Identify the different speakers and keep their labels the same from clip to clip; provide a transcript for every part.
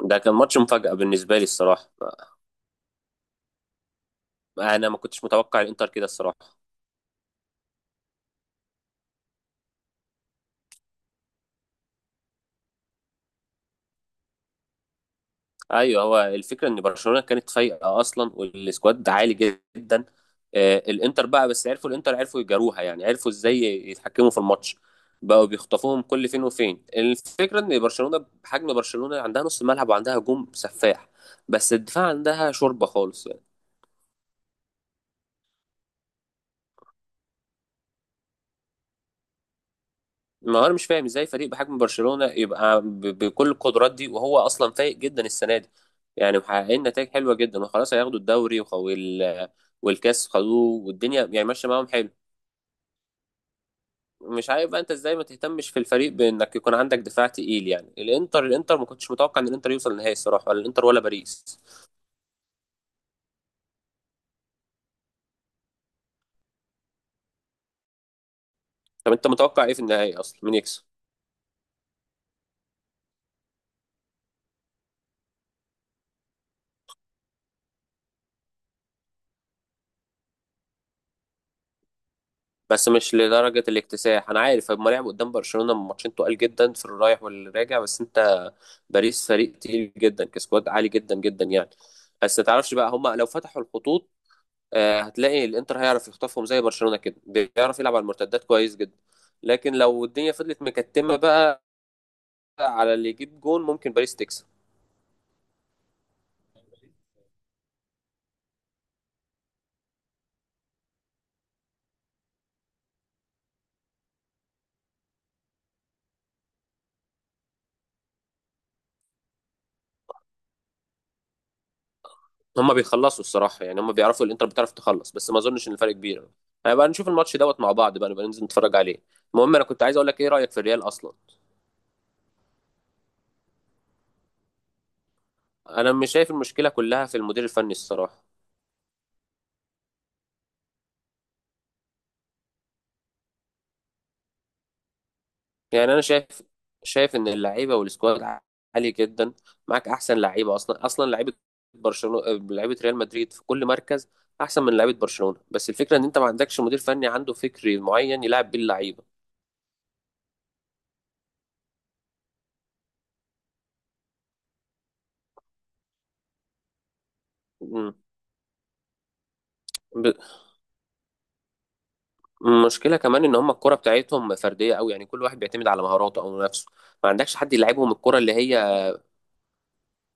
Speaker 1: ده كان ماتش مفاجأة بالنسبة لي الصراحة. أنا ما كنتش متوقع الإنتر كده الصراحة. أيوه، هو الفكرة إن برشلونة كانت فايقة أصلا والسكواد عالي جدا. الإنتر بقى بس عرفوا الإنتر عرفوا يجاروها، يعني عرفوا إزاي يتحكموا في الماتش، بقوا بيخطفوهم كل فين وفين. الفكرة إن برشلونة بحجم برشلونة عندها نص ملعب وعندها هجوم سفاح، بس الدفاع عندها شوربة خالص. ما هو انا مش فاهم ازاي فريق بحجم برشلونة يبقى بكل القدرات دي، وهو اصلا فايق جدا السنة دي، يعني محققين نتائج حلوة جدا وخلاص هياخدوا الدوري والكاس خدوه، والدنيا يعني ماشية معاهم حلو. مش عارف بقى انت ازاي ما تهتمش في الفريق بانك يكون عندك دفاع تقيل، يعني الانتر ما كنتش متوقع ان الانتر يوصل النهائي الصراحة، ولا الانتر ولا باريس. طب انت متوقع ايه في النهائي اصلا؟ مين يكسب؟ بس مش لدرجة الاكتساح، أنا عارف هما لعبوا قدام برشلونة من ماتشين تقال جدا في الرايح والراجع، بس أنت باريس فريق تقيل جدا، كسكواد عالي جدا جدا يعني. بس ما تعرفش بقى، هما لو فتحوا الخطوط هتلاقي الإنتر هيعرف يخطفهم، زي برشلونة كده بيعرف يلعب على المرتدات كويس جدا. لكن لو الدنيا فضلت مكتمة بقى على اللي يجيب جون، ممكن باريس تكسب. هما بيخلصوا الصراحة، يعني هما بيعرفوا الإنتر بتعرف تخلص، بس ما أظنش إن الفرق كبير. هنبقى نشوف الماتش دوت مع بعض بقى، نبقى ننزل نتفرج عليه. المهم، أنا كنت عايز أقول لك، إيه رأيك في الريال أصلا؟ انا مش شايف المشكله كلها في المدير الفني الصراحه. يعني انا شايف، ان اللعيبه والسكواد عالي جدا. معاك احسن لعيبه، اصلا لعيبه برشلونه، لعيبه ريال مدريد في كل مركز احسن من لعيبه برشلونه. بس الفكره ان انت ما عندكش مدير فني عنده فكر معين يلعب بيه اللعيبه. مم. ب- المشكله كمان ان هم الكره بتاعتهم فرديه قوي، يعني كل واحد بيعتمد على مهاراته او نفسه. ما عندكش حد يلعبهم الكره اللي هي،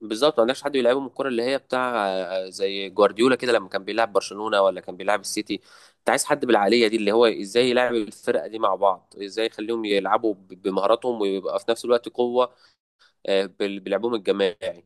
Speaker 1: بالظبط، ما عندكش حد بيلعبهم الكرة اللي هي بتاع زي جوارديولا كده لما كان بيلعب برشلونة ولا كان بيلعب السيتي. انت عايز حد بالعقلية دي، اللي هو ازاي يلعب الفرقة دي مع بعض، ازاي يخليهم يلعبوا بمهاراتهم ويبقى في نفس الوقت قوة بلعبهم الجماعي.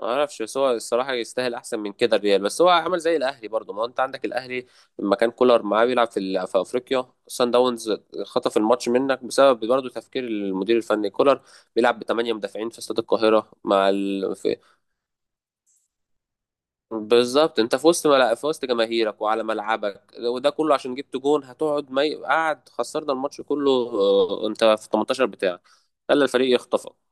Speaker 1: ما اعرفش، بس هو الصراحة يستاهل احسن من كده الريال. بس هو عمل زي الاهلي برضه. ما هو انت عندك الاهلي لما كان كولر معاه بيلعب في في افريقيا سان داونز، خطف الماتش منك بسبب برضه تفكير المدير الفني كولر، بيلعب بثمانية مدافعين في استاد القاهرة مع في، بالظبط، انت في وسط جماهيرك وعلى ملعبك، وده كله عشان جبت جون، هتقعد ما ي... قاعد خسرنا الماتش كله. اه، انت في 18 بتاعك، خلى الفريق يخطفك.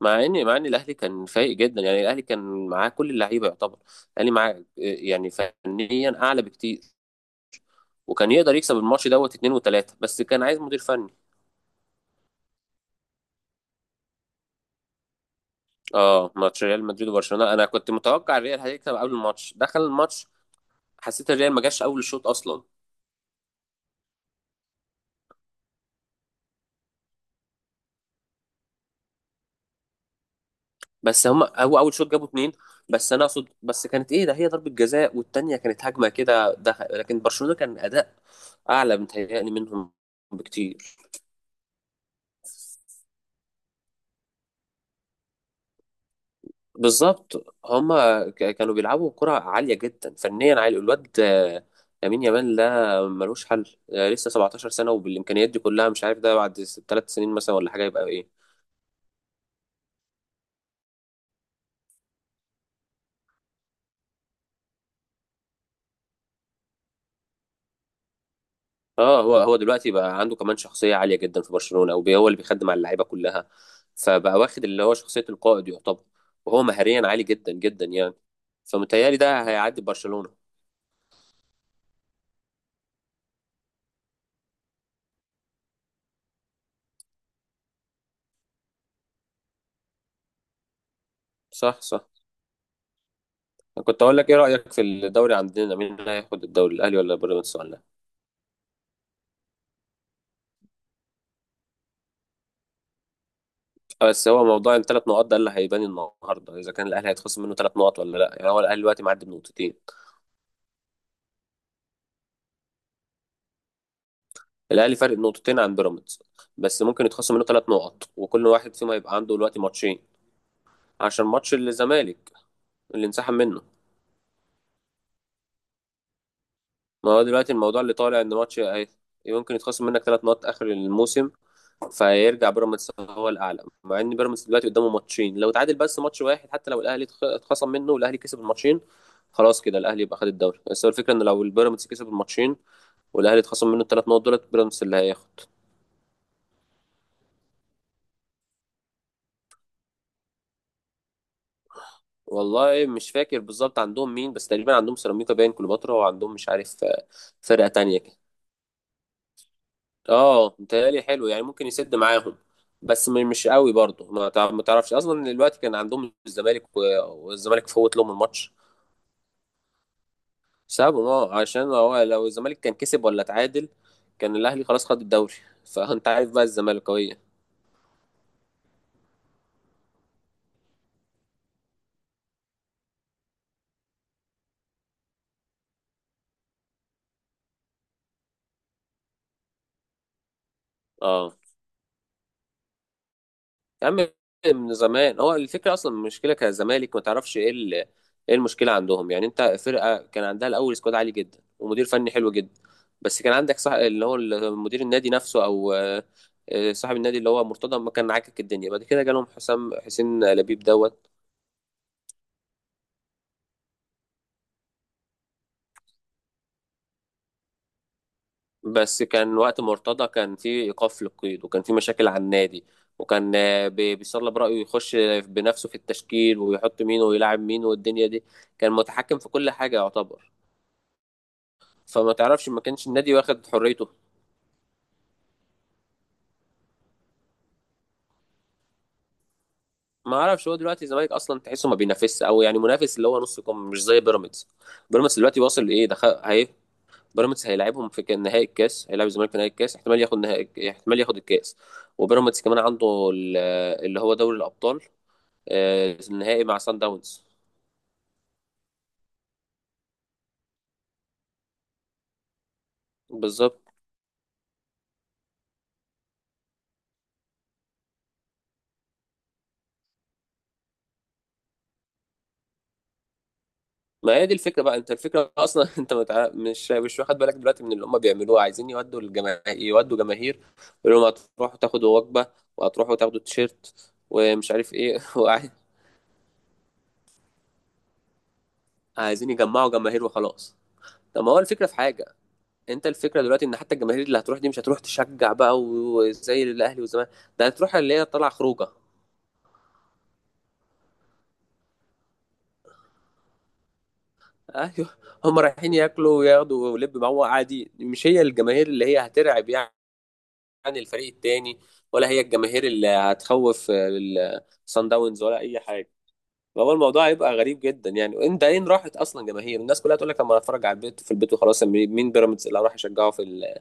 Speaker 1: مع ان الاهلي كان فايق جدا، يعني الاهلي كان معاه كل اللعيبه يعتبر. الاهلي معاه، يعني فنيا اعلى بكتير، وكان يقدر يكسب الماتش دوت 2 و 3، بس كان عايز مدير فني. اه، ماتش ريال مدريد وبرشلونه انا كنت متوقع الريال هيكسب، قبل الماتش. دخل الماتش حسيت الريال ما جاش اول الشوط اصلا. بس هو اول شوط جابوا اتنين، بس انا اقصد بس كانت ايه، ده هي ضربة جزاء، والتانية كانت هجمة كده دخل، لكن برشلونة كان اداء اعلى متهيألي منهم بكتير. بالظبط، هم كانوا بيلعبوا كرة عالية جدا، فنيا عالي. الواد لامين يامال ده ملوش حل، لسه 17 سنة وبالامكانيات دي كلها، مش عارف ده بعد 3 سنين مثلا ولا حاجة يبقى ايه. اه، هو دلوقتي بقى عنده كمان شخصيه عاليه جدا في برشلونه، او هو اللي بيخدم على اللعيبه كلها، فبقى واخد اللي هو شخصيه القائد يعتبر، وهو مهاريا عالي جدا جدا يعني. فمتهيألي ده هيعدي برشلونه. صح، صح. كنت اقول لك، ايه رايك في الدوري عندنا؟ مين هياخد الدوري، الاهلي ولا بيراميدز ولا لا؟ بس هو موضوع الـ3 نقاط ده اللي هيبان النهارده، اذا كان الاهلي هيتخصم منه 3 نقط ولا لا. يعني هو الاهلي دلوقتي معدي بنقطتين، الاهلي فارق نقطتين عن بيراميدز، بس ممكن يتخصم منه 3 نقط، وكل واحد فيهم هيبقى عنده دلوقتي ماتشين. عشان ماتش الزمالك اللي انسحب منه. ما هو دلوقتي الموضوع اللي طالع ان يمكن يتخصم منك 3 نقط اخر الموسم، فيرجع بيراميدز هو الاعلى. مع ان بيراميدز دلوقتي قدامه ماتشين، لو اتعادل بس ماتش واحد، حتى لو الاهلي اتخصم منه والاهلي كسب الماتشين، خلاص كده الاهلي يبقى خد الدوري. بس هو الفكره ان لو البيراميدز كسب الماتشين والاهلي اتخصم منه الـ3 نقط، دولت بيراميدز اللي هياخد. والله مش فاكر بالظبط عندهم مين، بس تقريبا عندهم سيراميكا، باين كليوباترا، وعندهم مش عارف فرقه تانية كده. اه، متهيألي حلو يعني، ممكن يسد معاهم، بس مش قوي برضه. ما تعرفش اصلا، دلوقتي كان عندهم الزمالك والزمالك فوت لهم الماتش، سابهم. اه، عشان هو لو الزمالك كان كسب ولا اتعادل، كان الاهلي خلاص خد الدوري فانت عارف بقى الزمالكاويه. اه يا عم، من زمان. هو الفكره اصلا، المشكله كزمالك ما تعرفش ايه ايه المشكله عندهم، يعني انت فرقه كان عندها الاول سكواد عالي جدا، ومدير فني حلو جدا. بس كان عندك، صح، اللي هو مدير النادي نفسه او صاحب النادي اللي هو مرتضى، ما كان عاكك الدنيا، بعد كده جالهم حسام، حسين لبيب دوت. بس كان وقت مرتضى كان في ايقاف للقيد، وكان في مشاكل على النادي، وكان بيصلب رأيه يخش بنفسه في التشكيل، ويحط مين ويلعب مين والدنيا دي، كان متحكم في كل حاجه يعتبر. فما تعرفش، ما كانش النادي واخد حريته. ما اعرفش، هو دلوقتي الزمالك اصلا تحسه ما بينافسش، او يعني منافس اللي هو نص كم، مش زي بيراميدز. بيراميدز دلوقتي واصل لايه؟ دخل هي، بيراميدز هيلاعبهم في نهائي الكاس، هيلاعب الزمالك في نهائي الكاس، احتمال ياخد نهائي، احتمال ياخد الكاس. وبيراميدز كمان عنده اللي هو دوري الابطال النهائي مع سان داونز. بالظبط. ما هي دي الفكره بقى، انت الفكره اصلا انت متع... مش مش واخد بالك دلوقتي من اللي هم بيعملوه، عايزين يودوا الجماهير، يودوا جماهير يقولوا لهم هتروحوا تاخدوا وجبه، وهتروحوا تاخدوا تيشيرت ومش عارف ايه عايزين يجمعوا جماهير وخلاص. طب ما هو الفكره في حاجه، انت الفكره دلوقتي ان حتى الجماهير اللي هتروح دي مش هتروح تشجع بقى وزي الاهلي والزمالك، ده هتروح اللي هي طالعه خروجه. ايوه، هم رايحين ياكلوا وياخدوا ولب معاهم عادي، مش هي الجماهير اللي هي هترعب يعني الفريق التاني، ولا هي الجماهير اللي هتخوف الصن داونز ولا اي حاجه. فهو الموضوع هيبقى غريب جدا يعني، وانت اين راحت اصلا جماهير؟ الناس كلها تقول لك لما اتفرج على البيت في البيت وخلاص. مين بيراميدز اللي هروح اشجعه في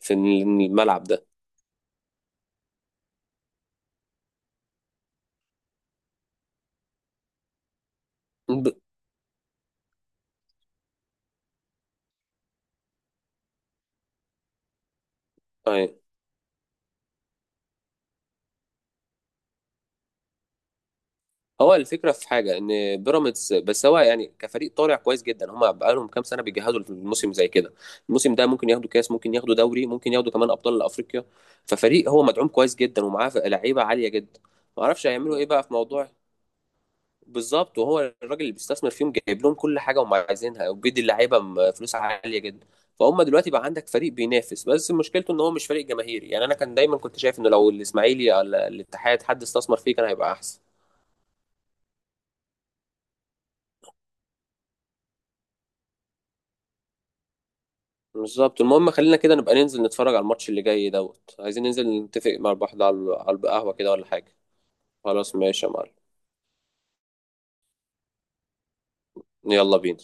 Speaker 1: في الملعب ده؟ ب... أيوة. هو الفكره في حاجه ان بيراميدز، بس هو يعني كفريق طالع كويس جدا، هم بقالهم كام سنه بيجهزوا الموسم زي كده، الموسم ده ممكن ياخدوا كاس، ممكن ياخدوا دوري، ممكن ياخدوا كمان ابطال افريقيا. ففريق هو مدعوم كويس جدا ومعاه لعيبه عاليه جدا. ما اعرفش هيعملوا ايه بقى في موضوع. بالظبط، وهو الراجل اللي بيستثمر فيهم جايب لهم كل حاجه هم عايزينها، وبيدي اللعيبه فلوس عاليه جدا. فهم دلوقتي بقى عندك فريق بينافس، بس مشكلته ان هو مش فريق جماهيري. يعني انا كان دايما كنت شايف انه لو الاسماعيلي ولا الاتحاد حد استثمر فيه كان هيبقى احسن. بالظبط. المهم خلينا كده نبقى ننزل نتفرج على الماتش اللي جاي دوت. عايزين ننزل نتفق مع بعض على القهوه كده ولا حاجه؟ خلاص ماشي يا معلم، يلا بينا.